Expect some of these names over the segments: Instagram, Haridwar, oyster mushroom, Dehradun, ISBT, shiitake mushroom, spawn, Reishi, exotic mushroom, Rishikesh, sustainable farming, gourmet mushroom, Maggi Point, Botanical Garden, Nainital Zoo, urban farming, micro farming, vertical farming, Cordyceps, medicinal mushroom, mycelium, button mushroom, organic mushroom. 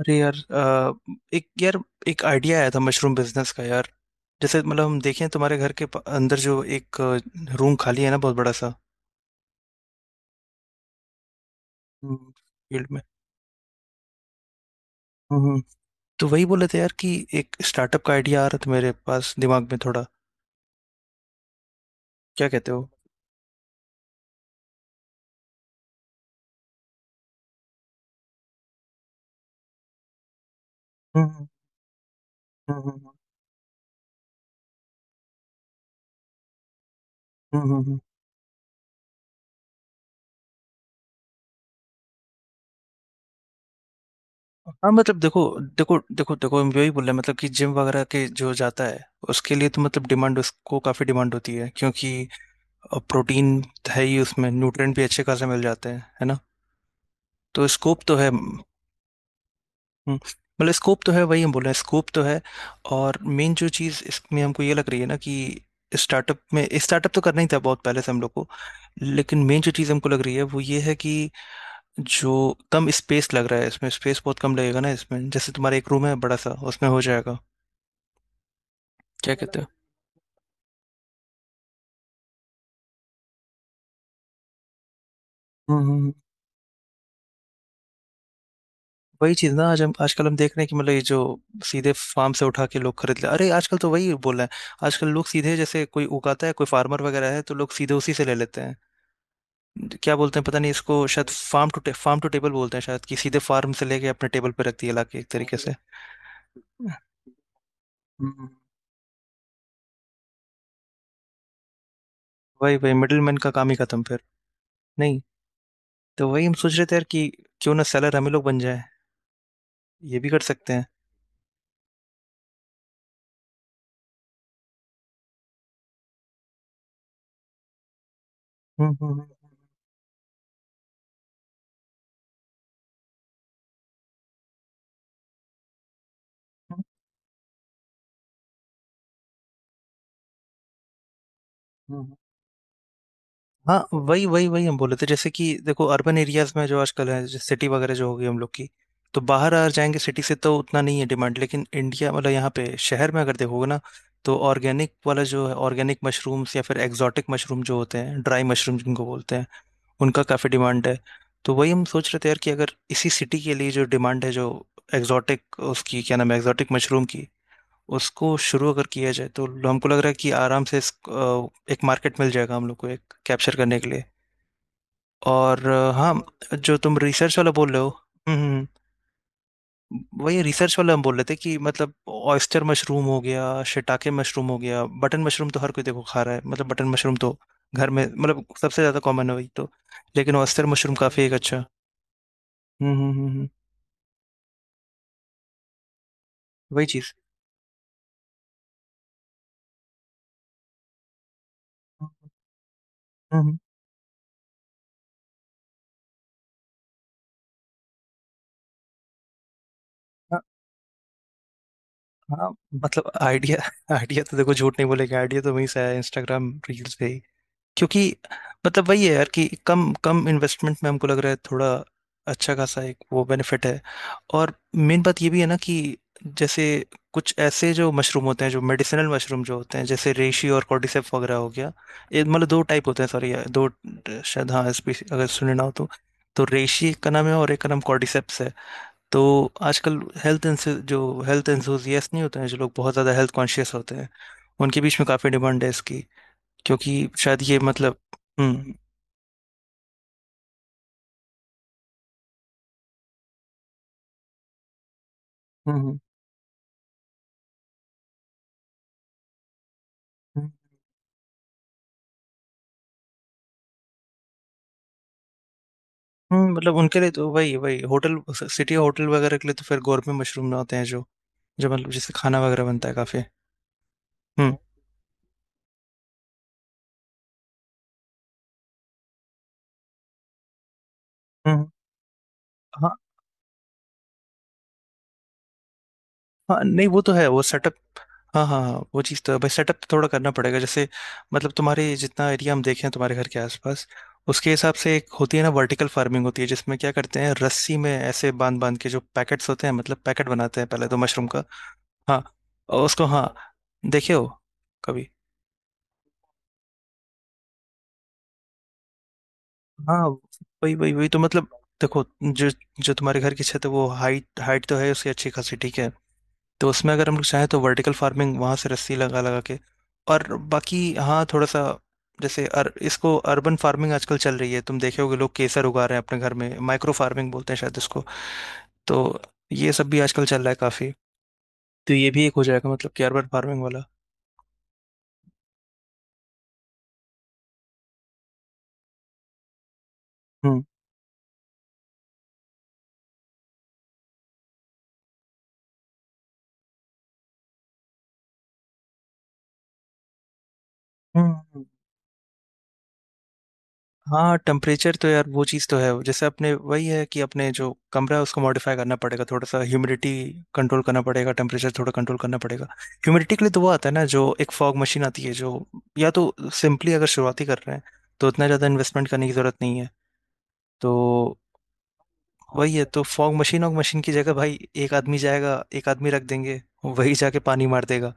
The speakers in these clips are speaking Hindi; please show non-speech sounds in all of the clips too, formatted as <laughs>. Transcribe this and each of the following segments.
अरे यार एक यार एक आइडिया आया था मशरूम बिजनेस का यार जैसे मतलब हम देखें तुम्हारे घर के अंदर जो एक रूम खाली है ना बहुत बड़ा सा। हम्म। फील्ड में। हम्म। तो वही बोले थे यार कि एक स्टार्टअप का आइडिया आ रहा था मेरे पास दिमाग में थोड़ा, क्या कहते हो। हम्म हम्म हम्म हम्म, हम्म। हाँ मतलब देखो देखो देखो देखो, हम यही बोल रहे हैं मतलब कि जिम वगैरह के जो जाता है उसके लिए तो मतलब डिमांड, उसको काफ़ी डिमांड होती है क्योंकि प्रोटीन है ही, उसमें न्यूट्रिएंट भी अच्छे खासे मिल जाते हैं, है ना। तो स्कोप तो है। हम्म। मतलब स्कोप तो है, वही हम बोल रहे हैं स्कोप तो है। और मेन जो चीज़ इसमें हमको ये लग रही है ना कि स्टार्टअप में, स्टार्टअप तो करना ही था बहुत पहले से हम लोग को, लेकिन मेन जो चीज़ हमको लग रही है वो ये है कि जो कम स्पेस लग रहा है इसमें, स्पेस बहुत कम लगेगा ना इसमें, जैसे तुम्हारा एक रूम है बड़ा सा उसमें हो जाएगा। क्या कहते हो। हम्म। वही चीज़ ना, आज हम आजकल हम देख रहे हैं कि मतलब ये जो सीधे फार्म से उठा के लोग खरीद ले, अरे आजकल तो वही बोल रहे हैं, आजकल लोग सीधे, जैसे कोई उगाता है कोई फार्मर वगैरह है तो लोग सीधे उसी से ले लेते हैं। क्या बोलते हैं पता नहीं इसको, शायद farm to, farm to table बोलते हैं शायद, कि सीधे फार्म से लेके अपने टेबल पे रख दिया लाके एक तरीके से। हम्म। वही वही मिडिल मैन का काम ही खत्म फिर। नहीं, तो वही हम सोच रहे थे यार कि क्यों ना सेलर हम ही लोग बन जाए, ये भी कर सकते हैं। हम्म हम्म, हम्म, हम्म। हम्म। हम्म। हाँ वही वही वही हम बोले थे, जैसे कि देखो अर्बन एरियाज में जो आजकल है जैसे सिटी वगैरह जो होगी हम लोग की, तो बाहर आ जाएंगे सिटी से तो उतना नहीं है डिमांड, लेकिन इंडिया मतलब यहाँ पे शहर में अगर देखोगे ना, तो ऑर्गेनिक वाला जो है, ऑर्गेनिक मशरूम्स या फिर एग्जॉटिक मशरूम जो होते हैं, ड्राई मशरूम जिनको बोलते हैं, उनका काफ़ी डिमांड है। तो वही हम सोच रहे थे यार कि अगर इसी सिटी के लिए जो डिमांड है, जो एग्जॉटिक, उसकी क्या नाम है, एग्जॉटिक मशरूम की, उसको शुरू अगर किया जाए, तो हमको लग रहा है कि आराम से एक मार्केट मिल जाएगा हम लोग को एक कैप्चर करने के लिए। और हाँ, जो तुम रिसर्च वाला बोल रहे हो। हम्म हम्म, हम्म। वही रिसर्च वाला हम बोल रहे थे कि मतलब ऑयस्टर मशरूम हो गया, शिटाके मशरूम हो गया, बटन मशरूम तो हर कोई देखो खा रहा है, मतलब बटन मशरूम तो घर में मतलब सबसे ज्यादा कॉमन है वही तो, लेकिन ऑयस्टर मशरूम काफी एक अच्छा। हम्म हम्म हम्म हम्म, वही चीज। हम्म हम्म, हाँ हाँ, मतलब आइडिया <laughs> आइडिया तो देखो झूठ नहीं बोलेगा, आइडिया तो वहीं से आया, इंस्टाग्राम रील्स पे। क्योंकि मतलब वही है यार कि कम, कम इन्वेस्टमेंट में हमको लग रहा है थोड़ा अच्छा खासा एक वो बेनिफिट है। और मेन बात ये भी है ना कि जैसे कुछ ऐसे जो मशरूम होते हैं, जो मेडिसिनल मशरूम जो होते हैं, जैसे रेशी और कॉर्डिसेप वगैरह हो गया, ये मतलब दो टाइप होते हैं, सॉरी दो, शायद हाँ स्पीसी अगर सुने ना हो तो रेशी एक का नाम है और एक का नाम कॉर्डिसेप्स है। तो आजकल हेल्थ, जो हेल्थ एंथुजियास्ट नहीं होते हैं, जो लोग बहुत ज़्यादा हेल्थ कॉन्शियस होते हैं, उनके बीच में काफ़ी डिमांड है इसकी, क्योंकि शायद ये मतलब। हुँ, हुँ, हुँ, हुँ, हुँ, मतलब उनके लिए तो वही वही होटल स सिटी होटल वगैरह के लिए तो फिर गोरमे मशरूम होते हैं जो जो मतलब जिससे खाना वगैरह बनता है काफ़ी। हुँ, हुँ, हाँ, हाँ, नहीं वो तो है वो सेटअप। हाँ, हाँ, हाँ, वो चीज़ तो है भाई, सेटअप थोड़ा करना पड़ेगा। जैसे मतलब तुम्हारे जितना एरिया हम देखें तुम्हारे घर के आस-पास, उसके हिसाब से एक होती है ना वर्टिकल फार्मिंग होती है, जिसमें क्या करते हैं रस्सी में ऐसे बाँध-बाँध के जो पैकेट्स होते हैं, मतलब पैकेट बनाते हैं पहले तो मशरूम का। हाँ, और उसको हाँ, देखे हो कभी? हाँ, वही वही वही तो मतलब देखो, जो जो तुम्हारे घर की छत है वो हाइट, हाइट तो है उसकी अच्छी खासी ठीक है, तो उसमें अगर हम लोग चाहें तो वर्टिकल फार्मिंग वहां से रस्सी लगा लगा के। और बाकी हाँ थोड़ा सा, जैसे इसको अर्बन फार्मिंग आजकल चल रही है, तुम देखे होगे लोग केसर उगा रहे हैं अपने घर में, माइक्रो फार्मिंग बोलते हैं शायद इसको। तो ये सब भी आजकल चल रहा है काफी, तो ये भी एक हो जाएगा मतलब कि अर्बन फार्मिंग वाला। हम्म हम्म हम्म। हाँ टेम्परेचर तो यार वो चीज़ तो है, जैसे अपने वही है कि अपने जो कमरा है उसको मॉडिफाई करना पड़ेगा थोड़ा सा, ह्यूमिडिटी कंट्रोल करना पड़ेगा, टेम्परेचर थोड़ा कंट्रोल करना पड़ेगा। ह्यूमिडिटी के लिए तो वो आता है ना जो एक फॉग मशीन आती है जो, या तो सिंपली अगर शुरुआती कर रहे हैं तो उतना ज़्यादा इन्वेस्टमेंट करने की ज़रूरत नहीं है। तो वही है तो फॉग मशीन, और मशीन की जगह भाई एक आदमी जाएगा, एक आदमी रख देंगे वही जाके पानी मार देगा।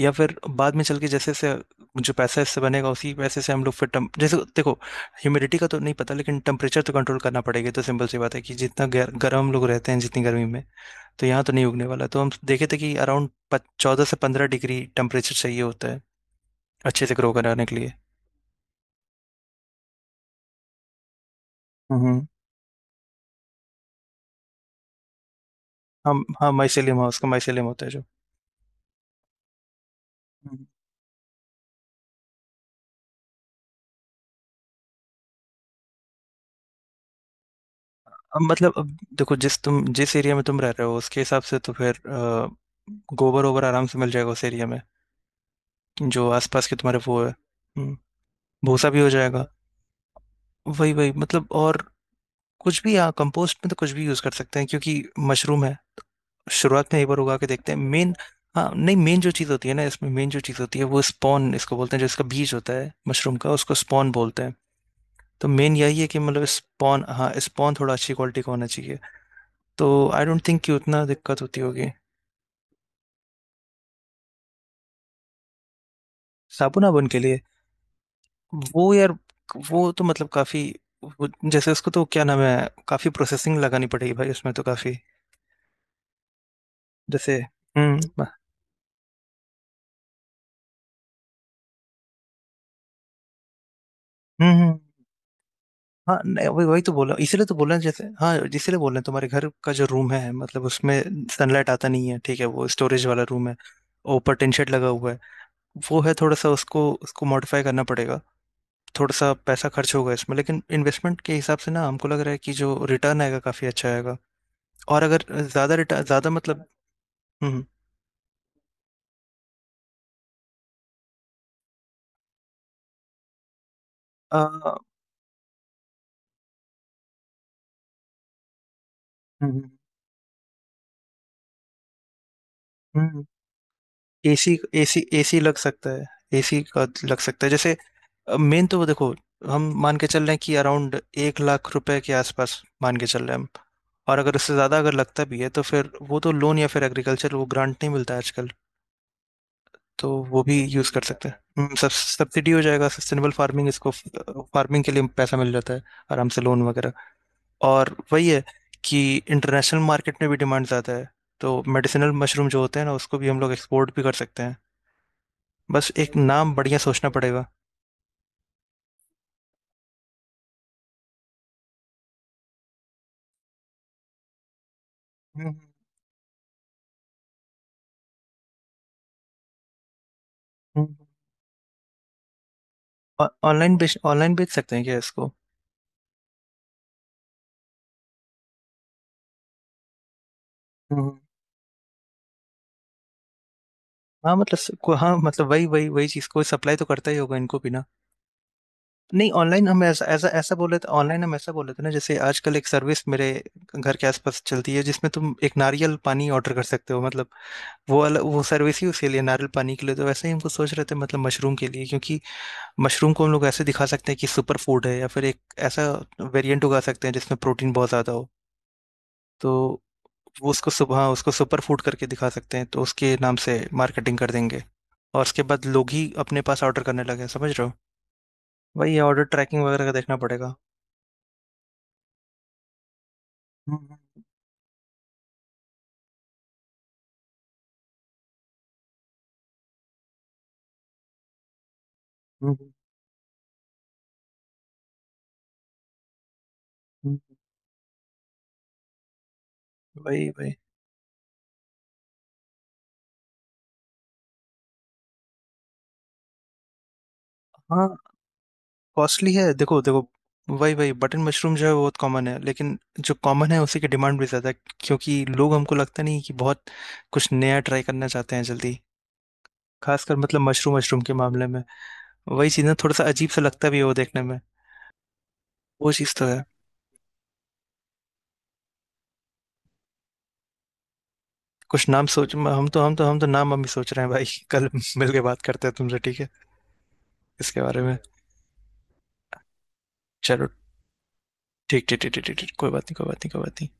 या फिर बाद में चल के जैसे से जो पैसा इससे बनेगा उसी पैसे से हम लोग फिर टेम जैसे देखो ह्यूमिडिटी का तो नहीं पता लेकिन टेम्परेचर तो कंट्रोल करना पड़ेगा, ये तो सिंपल सी बात है कि जितना गर्म हम लोग रहते हैं जितनी गर्मी में, तो यहाँ तो नहीं उगने वाला। तो हम देखे थे कि अराउंड चौदह से पंद्रह डिग्री टेम्परेचर चाहिए होता है अच्छे से ग्रो कराने के लिए। हम्म, हम हाँ माइसेलियम, हाउस का माइसेलियम होता है जो। अब मतलब अब देखो जिस तुम जिस एरिया में तुम रह रहे हो उसके हिसाब से तो फिर गोबर ओबर आराम से मिल जाएगा उस एरिया में, जो आसपास के तुम्हारे वो है। भूसा भी हो जाएगा, वही वही मतलब। और कुछ भी यहाँ कंपोस्ट में तो कुछ भी यूज कर सकते हैं क्योंकि मशरूम है। शुरुआत में एक बार उगा के देखते हैं मेन। हाँ नहीं, मेन जो चीज़ होती है ना इसमें, मेन जो चीज़ होती है वो स्पॉन इसको बोलते हैं, जो इसका बीज होता है मशरूम का उसको स्पॉन बोलते हैं। तो मेन यही है कि मतलब स्पॉन, हाँ स्पॉन थोड़ा अच्छी क्वालिटी का होना चाहिए। तो आई डोंट थिंक कि उतना दिक्कत होती होगी। साबुना बन के लिए, वो यार, वो तो मतलब काफी, जैसे उसको तो क्या नाम है, काफी प्रोसेसिंग लगानी पड़ेगी भाई उसमें तो काफी जैसे। हम्म हम्म हम्म, हाँ नहीं, वही वही तो बोला इसीलिए तो बोला, जैसे हाँ इसीलिए बोल रहे हैं तुम्हारे घर का जो रूम है मतलब उसमें सनलाइट आता नहीं है, ठीक है वो स्टोरेज वाला रूम है, और ऊपर टिन शेड लगा हुआ है। वो है थोड़ा सा उसको, उसको मॉडिफाई करना पड़ेगा थोड़ा सा, पैसा खर्च होगा इसमें लेकिन इन्वेस्टमेंट के हिसाब से ना हमको लग रहा है कि जो रिटर्न आएगा काफी अच्छा आएगा। और अगर ज्यादा रिटर्न, ज्यादा मतलब। हुँ, हुँ। अ, हुँ, हुँ, हुँ। एसी, एसी एसी लग सकता है, एसी का लग सकता है। जैसे मेन तो वो देखो, हम मान के चल रहे हैं कि अराउंड 1 लाख रुपए के आसपास मान के चल रहे हैं हम। और अगर उससे ज़्यादा अगर लगता भी है तो फिर वो तो लोन, या फिर एग्रीकल्चर वो ग्रांट नहीं मिलता है आजकल, तो वो भी यूज़ कर सकते हैं। हुँ, सब सब्सिडी हो जाएगा, सस्टेनेबल फार्मिंग इसको, फ फार्मिंग के लिए पैसा मिल जाता है आराम से, लोन वगैरह। और वही है कि इंटरनेशनल मार्केट में भी डिमांड ज़्यादा है, तो मेडिसिनल मशरूम जो होते हैं ना उसको भी हम लोग एक्सपोर्ट भी कर सकते हैं। बस एक नाम बढ़िया सोचना पड़ेगा। हम्म हम्म, ऑनलाइन बेच, ऑनलाइन बेच सकते हैं क्या इसको। हम्म, हाँ मतलब को, हाँ मतलब वही वही वही चीज़ को सप्लाई तो करता ही होगा इनको भी ना। नहीं ऑनलाइन हम ऐसा ऐसा ऐसा बोले थे, ऑनलाइन हम ऐसा बोले थे ना, जैसे आजकल एक सर्विस मेरे घर के आसपास चलती है जिसमें तुम एक नारियल पानी ऑर्डर कर सकते हो मतलब, वो अलग वो सर्विस ही उसके लिए नारियल पानी के लिए, तो वैसे ही हमको सोच रहे थे मतलब मशरूम के लिए, क्योंकि मशरूम को हम लोग ऐसे दिखा सकते हैं कि सुपर फूड है, या फिर एक ऐसा वेरिएंट उगा सकते हैं जिसमें प्रोटीन बहुत ज़्यादा हो। तो वो उसको सुबह, उसको सुपर फूड करके दिखा सकते हैं, तो उसके नाम से मार्केटिंग कर देंगे और उसके बाद लोग ही अपने पास ऑर्डर करने लगे, समझ रहे हो। वही ऑर्डर ट्रैकिंग वगैरह का देखना पड़ेगा। हम्म, हम्म, हम्म, हम्म। वही वही, हाँ कॉस्टली है, देखो देखो वही वही, बटन मशरूम जो है वो बहुत कॉमन है लेकिन जो कॉमन है उसी की डिमांड भी ज़्यादा है, क्योंकि लोग, हमको लगता नहीं कि बहुत कुछ नया ट्राई करना चाहते हैं जल्दी, खासकर मतलब मशरूम, मशरूम के मामले में। वही चीज़ ना थोड़ा सा अजीब सा लगता भी है वो देखने में, वो चीज़ तो है। कुछ नाम सोच, हम तो नाम हम ही सोच रहे हैं भाई। <laughs> कल मिल के बात करते हैं तुमसे, ठीक है इसके बारे में। चलो, ठीक ठीक ठीक ठीक ठीक ठीक, कोई बात नहीं कोई बात नहीं कोई बात नहीं।